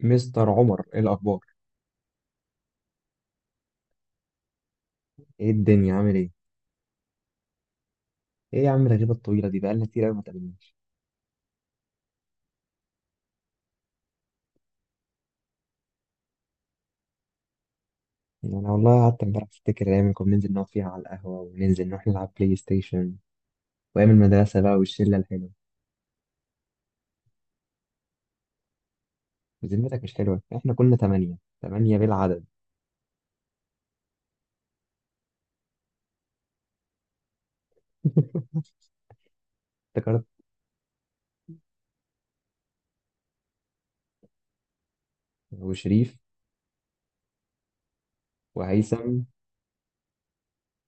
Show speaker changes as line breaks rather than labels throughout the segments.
مستر عمر، ايه الاخبار؟ ايه الدنيا عامل ايه؟ ايه يا عم الغيبه الطويله دي، بقالنا كتير قوي ما اتقابلناش. يعني انا والله قعدت امبارح افتكر الايام اللي كنا بننزل نقعد فيها على القهوه، وننزل نروح نلعب بلاي ستيشن، وايام المدرسه بقى والشله الحلوه. وذمتك؟ مش حلوه، احنا كنا ثمانيه، ثمانيه بالعدد. افتكرت وشريف وهيثم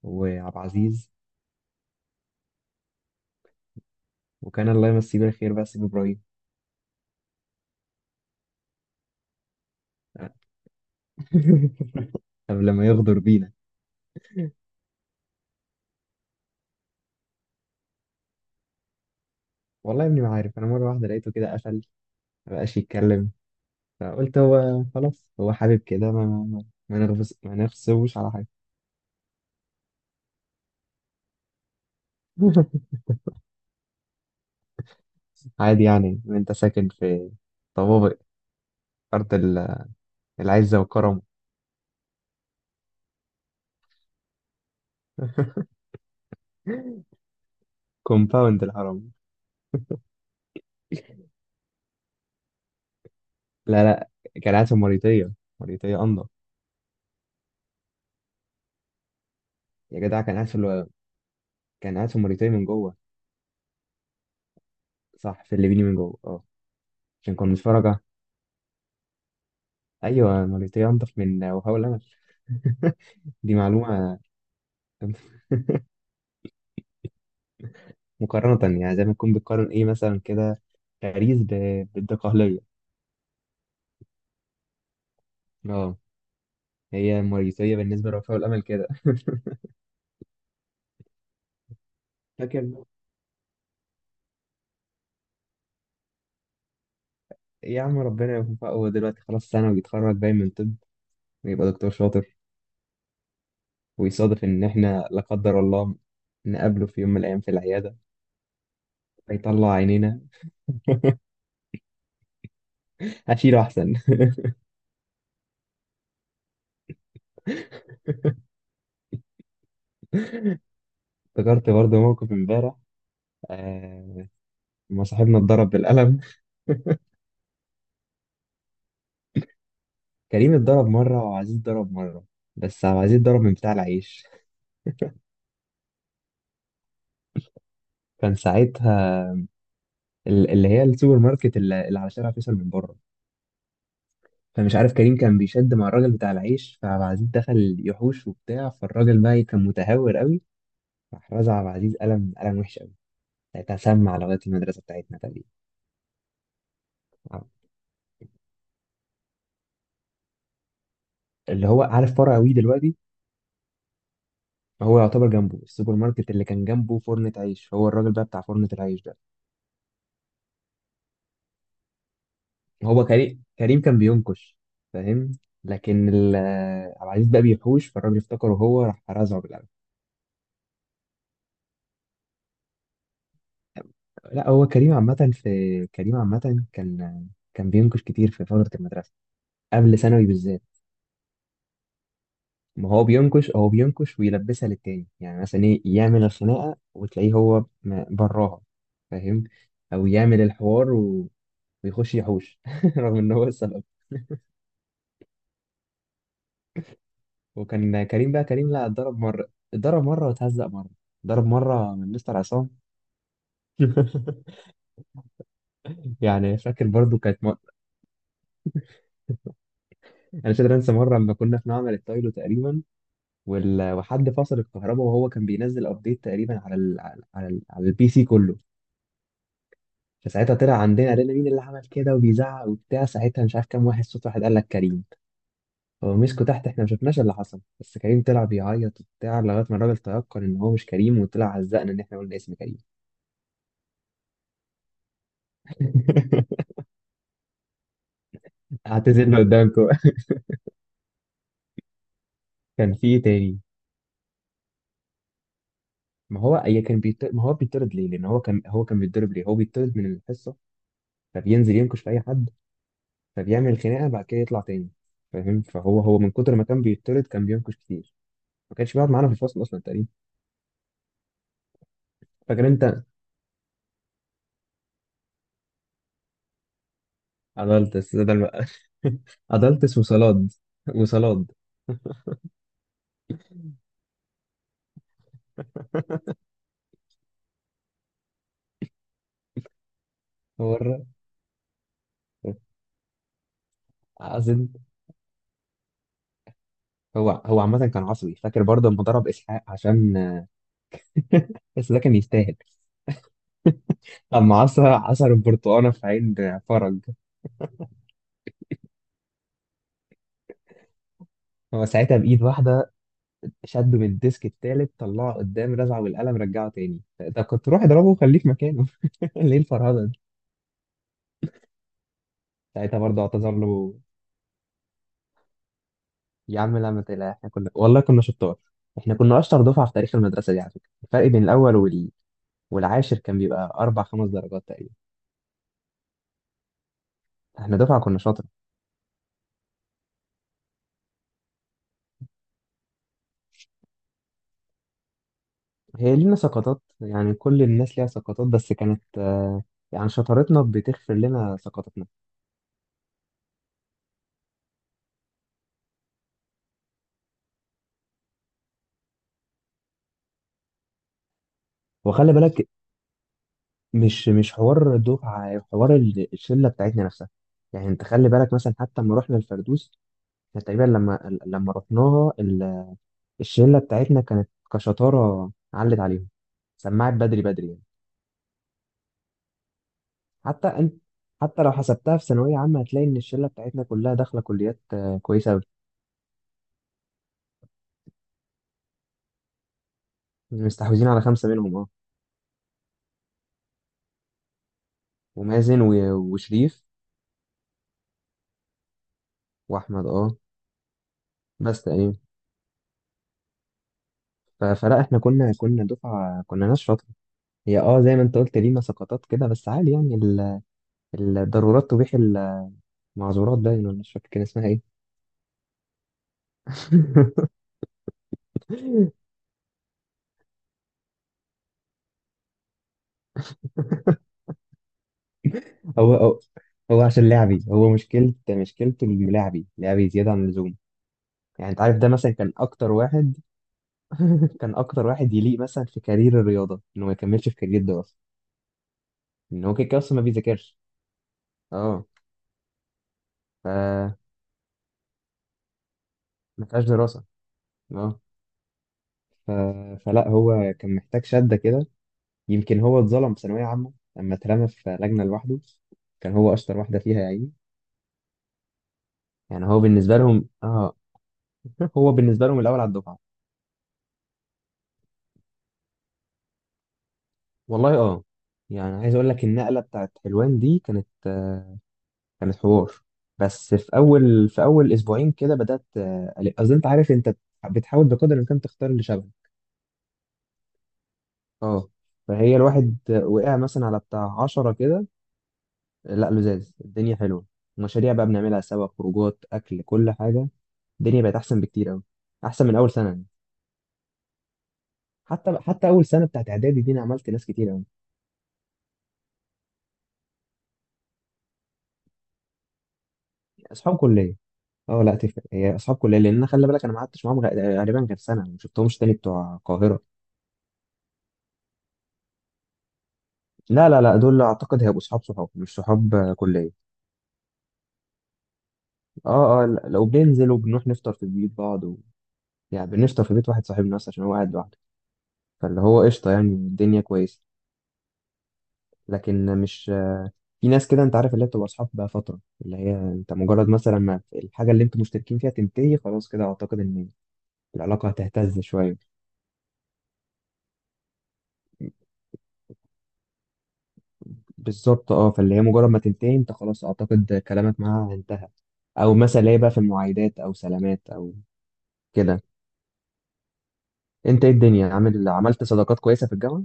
وعبد العزيز، وكان الله يمسيه بالخير بقى سيف ابراهيم. قبل ما يغدر بينا. والله يا ابني ما عارف، انا مره واحده لقيته كده قفل، ما بقاش يتكلم. فقلت هو خلاص هو حابب كده، ما نغفز، ما نغصبوش على حاجة. عادي يعني، انت ساكن في طوابق أرض ال- العزة والكرم، كومباوند الهرم. لا لا، كان قاعد في موريتانيا، موريتانيا أنضف. يا جدع كان قاعد في موريتانيا من جوه. صح، في الليبيني من جوه، اه. عشان كنا متفرجة، أيوة موريتانيا أنضف من وهاو الأمل. دي معلومة، مقارنة يعني زي ما تكون بتقارن إيه مثلا، كده باريس بالدقهلية. اه، هي مؤيسية بالنسبة لوفاء والأمل كده. فاكر؟ يا عم ربنا يوفقه، هو دلوقتي خلاص سنة ويتخرج باين من طب، ويبقى دكتور شاطر، ويصادف إن إحنا لا قدر الله نقابله في يوم من الأيام في العيادة فيطلع عينينا. أشيله أحسن. افتكرت برضه موقف إمبارح، آه، لما صاحبنا اتضرب بالقلم. كريم اتضرب مرة وعزيز اتضرب مرة، بس عبد العزيز اتضرب من بتاع العيش. كان ساعتها اللي هي السوبر ماركت اللي على شارع فيصل من بره. فمش عارف، كريم كان بيشد مع الراجل بتاع العيش، فعبد العزيز دخل يحوش وبتاع، فالراجل بقى إيه، كان متهور قوي. راح رزع عبد العزيز قلم، قلم وحش قوي، ساعتها سمع لغايه المدرسه بتاعتنا تقريبا. اللي هو عارف فرع وي دلوقتي، هو يعتبر جنبه السوبر ماركت، اللي كان جنبه فرنة عيش. هو الراجل بقى بتاع فرنة العيش ده. هو كريم كان بينكش، فاهم؟ لكن ال- عبد العزيز بقى بيحوش، فالراجل افتكره هو، راح رزعه بالقلم. لا هو كريم عامه، في كريم عامه كان كان بينكش كتير في فتره المدرسه، قبل ثانوي بالذات. ما هو بينكش، هو بينكش ويلبسها للتاني، يعني مثلا ايه، يعمل الخناقه وتلاقيه براها، فاهم؟ او يعمل الحوار و... ويخش يحوش رغم ان هو السبب. وكان كريم بقى، كريم لا اتضرب مره، اتضرب مره واتهزق مره، ضرب مره من مستر عصام. يعني فاكر برضو كانت م... انا مش قادر انسى مره لما كنا في معمل التايلو تقريبا، وال... وحد فصل الكهرباء، وهو كان بينزل ابديت تقريبا على ال... على ال... على البي سي كله. فساعتها طلع عندنا قال لنا مين اللي عمل كده، وبيزعق وبتاع، ساعتها مش عارف كام واحد صوت واحد قال لك كريم. فمسكوا تحت، احنا ما شفناش اللي حصل، بس كريم طلع بيعيط وبتاع لغايه ما الراجل تيقن ان هو مش كريم، وطلع عزقنا ان احنا قلنا اسم كريم. اعتذرنا قدامكم. كان في ايه تاني؟ ما هو اي كان بيطرد، ما هو بيطرد ليه؟ لان هو كان بيتضرب، ليه؟ هو بيطرد من الحصه، فبينزل ينكش في اي حد، فبيعمل خناقه بعد كده يطلع تاني، فاهم؟ فهو من كتر ما كان بيطرد كان بينكش كتير، ما كانش بيقعد معانا في الفصل اصلا تقريبا. فاكر انت؟ ادلتس بدل ما... ادلتس وصلاد، وصلاد. هو الر- عازل. هو عامة كان عصبي، فاكر برضه لما ضرب اسحاق عشان... بس ده كان يستاهل. اما عصر البرتقانه في عين فرج، هو ساعتها بايد واحده شده من الديسك التالت، طلعه قدام رزعه بالقلم، رجعه تاني، ده كنت روح اضربه وخليه في مكانه. ليه الفرهده دي؟ ساعتها برضه اعتذر له. يا عم لا ما تقلق، احنا كنا والله كنا شطار، احنا كنا اشطر دفعه في تاريخ المدرسه دي. على فكره الفرق بين الاول والعاشر كان بيبقى أربع خمس درجات تقريبا، احنا دفعة كنا شاطرة. هي لينا سقطات، يعني كل الناس ليها سقطات، بس كانت آه، يعني شطارتنا بتغفر لنا سقطاتنا. وخلي بالك، مش حوار الدفعة، حوار الشلة بتاعتنا نفسها. يعني انت خلي بالك مثلا حتى لما رحنا الفردوس، احنا تقريبا لما رحناها، الشلة بتاعتنا كانت كشطارة علت عليهم، سمعت بدري بدري يعني. حتى انت، حتى لو حسبتها في ثانوية عامة، هتلاقي إن الشلة بتاعتنا كلها داخلة كليات آه، كويسة أوي، مستحوذين على خمسة منهم اه. ومازن وشريف وأحمد اه، بس تقريبا. فلا احنا كنا دفعة كنا ناس شاطرة. هي اه زي ما انت قلت لينا سقطات كده، بس عادي يعني الضرورات تبيح المعذورات، باين، ولا مش فاكر كان اسمها ايه. هو هو هو عشان لعبي، هو مشكلته إنه لعبي، لعبي زيادة عن اللزوم. يعني انت عارف، ده مثلا كان اكتر واحد... كان اكتر واحد يليق مثلا في كارير الرياضة انه ما يكملش في كارير الدراسة، ان هو كده كده اصلا ما بيذاكرش. اه ف... ما فيهاش دراسة، اه، ف... فلا هو كان محتاج شدة كده. يمكن هو اتظلم في ثانوية عامة لما اترمى في لجنة لوحده، كان هو أشطر واحدة فيها يا عيني. يعني هو بالنسبة لهم، اه. هو بالنسبة لهم الأول على الدفعة. والله اه. يعني عايز أقول لك، النقلة بتاعت حلوان دي كانت آه، كانت حوار. بس في أول، في أول أسبوعين كده بدأت آه، أصل أنت عارف، أنت بتحاول بقدر الإمكان تختار اللي شبهك. اه. فهي الواحد وقع مثلا على بتاع 10 كده، لا لزاز الدنيا حلوه. مشاريع بقى بنعملها سوا، خروجات، اكل، كل حاجه، الدنيا بقت احسن بكتير قوي، احسن من اول سنه يعني. حتى اول سنه بتاعت اعدادي دي انا عملت ناس كتير قوي، اصحاب كليه. اه لا تفرق، هي اصحاب كليه، لان انا خلي بالك، انا ما قعدتش معاهم غالبا غير سنه، ما شفتهمش تاني بتوع القاهره. لا لا لا، دول اعتقد هيبقوا صحاب، صحاب مش صحاب آه، كليه. اه اه، لو بننزل وبنروح نفطر في بيوت بعض و... يعني بنفطر في بيت واحد صاحبنا بس، عشان هو قاعد لوحده. فاللي هو قشطه يعني، الدنيا كويسه. لكن مش... في ناس كده انت عارف اللي هي بتبقى اصحاب بقى فتره، اللي هي انت مجرد مثلا ما الحاجه اللي انتوا مشتركين فيها تنتهي، خلاص كده اعتقد ان العلاقه هتهتز شويه. بالظبط اه، فاللي هي مجرد ما تنتهي انت، خلاص اعتقد كلامك معاها انتهى، او مثلا اللي هي بقى في المعايدات او سلامات او كده. انت ايه الدنيا عامل، عملت صداقات كويسه في الجامعه؟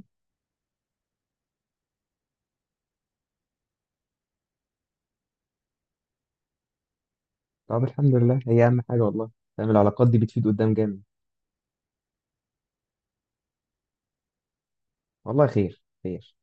طب الحمد لله، هي اهم حاجه والله. فاهم، العلاقات دي بتفيد قدام جامد. والله خير خير.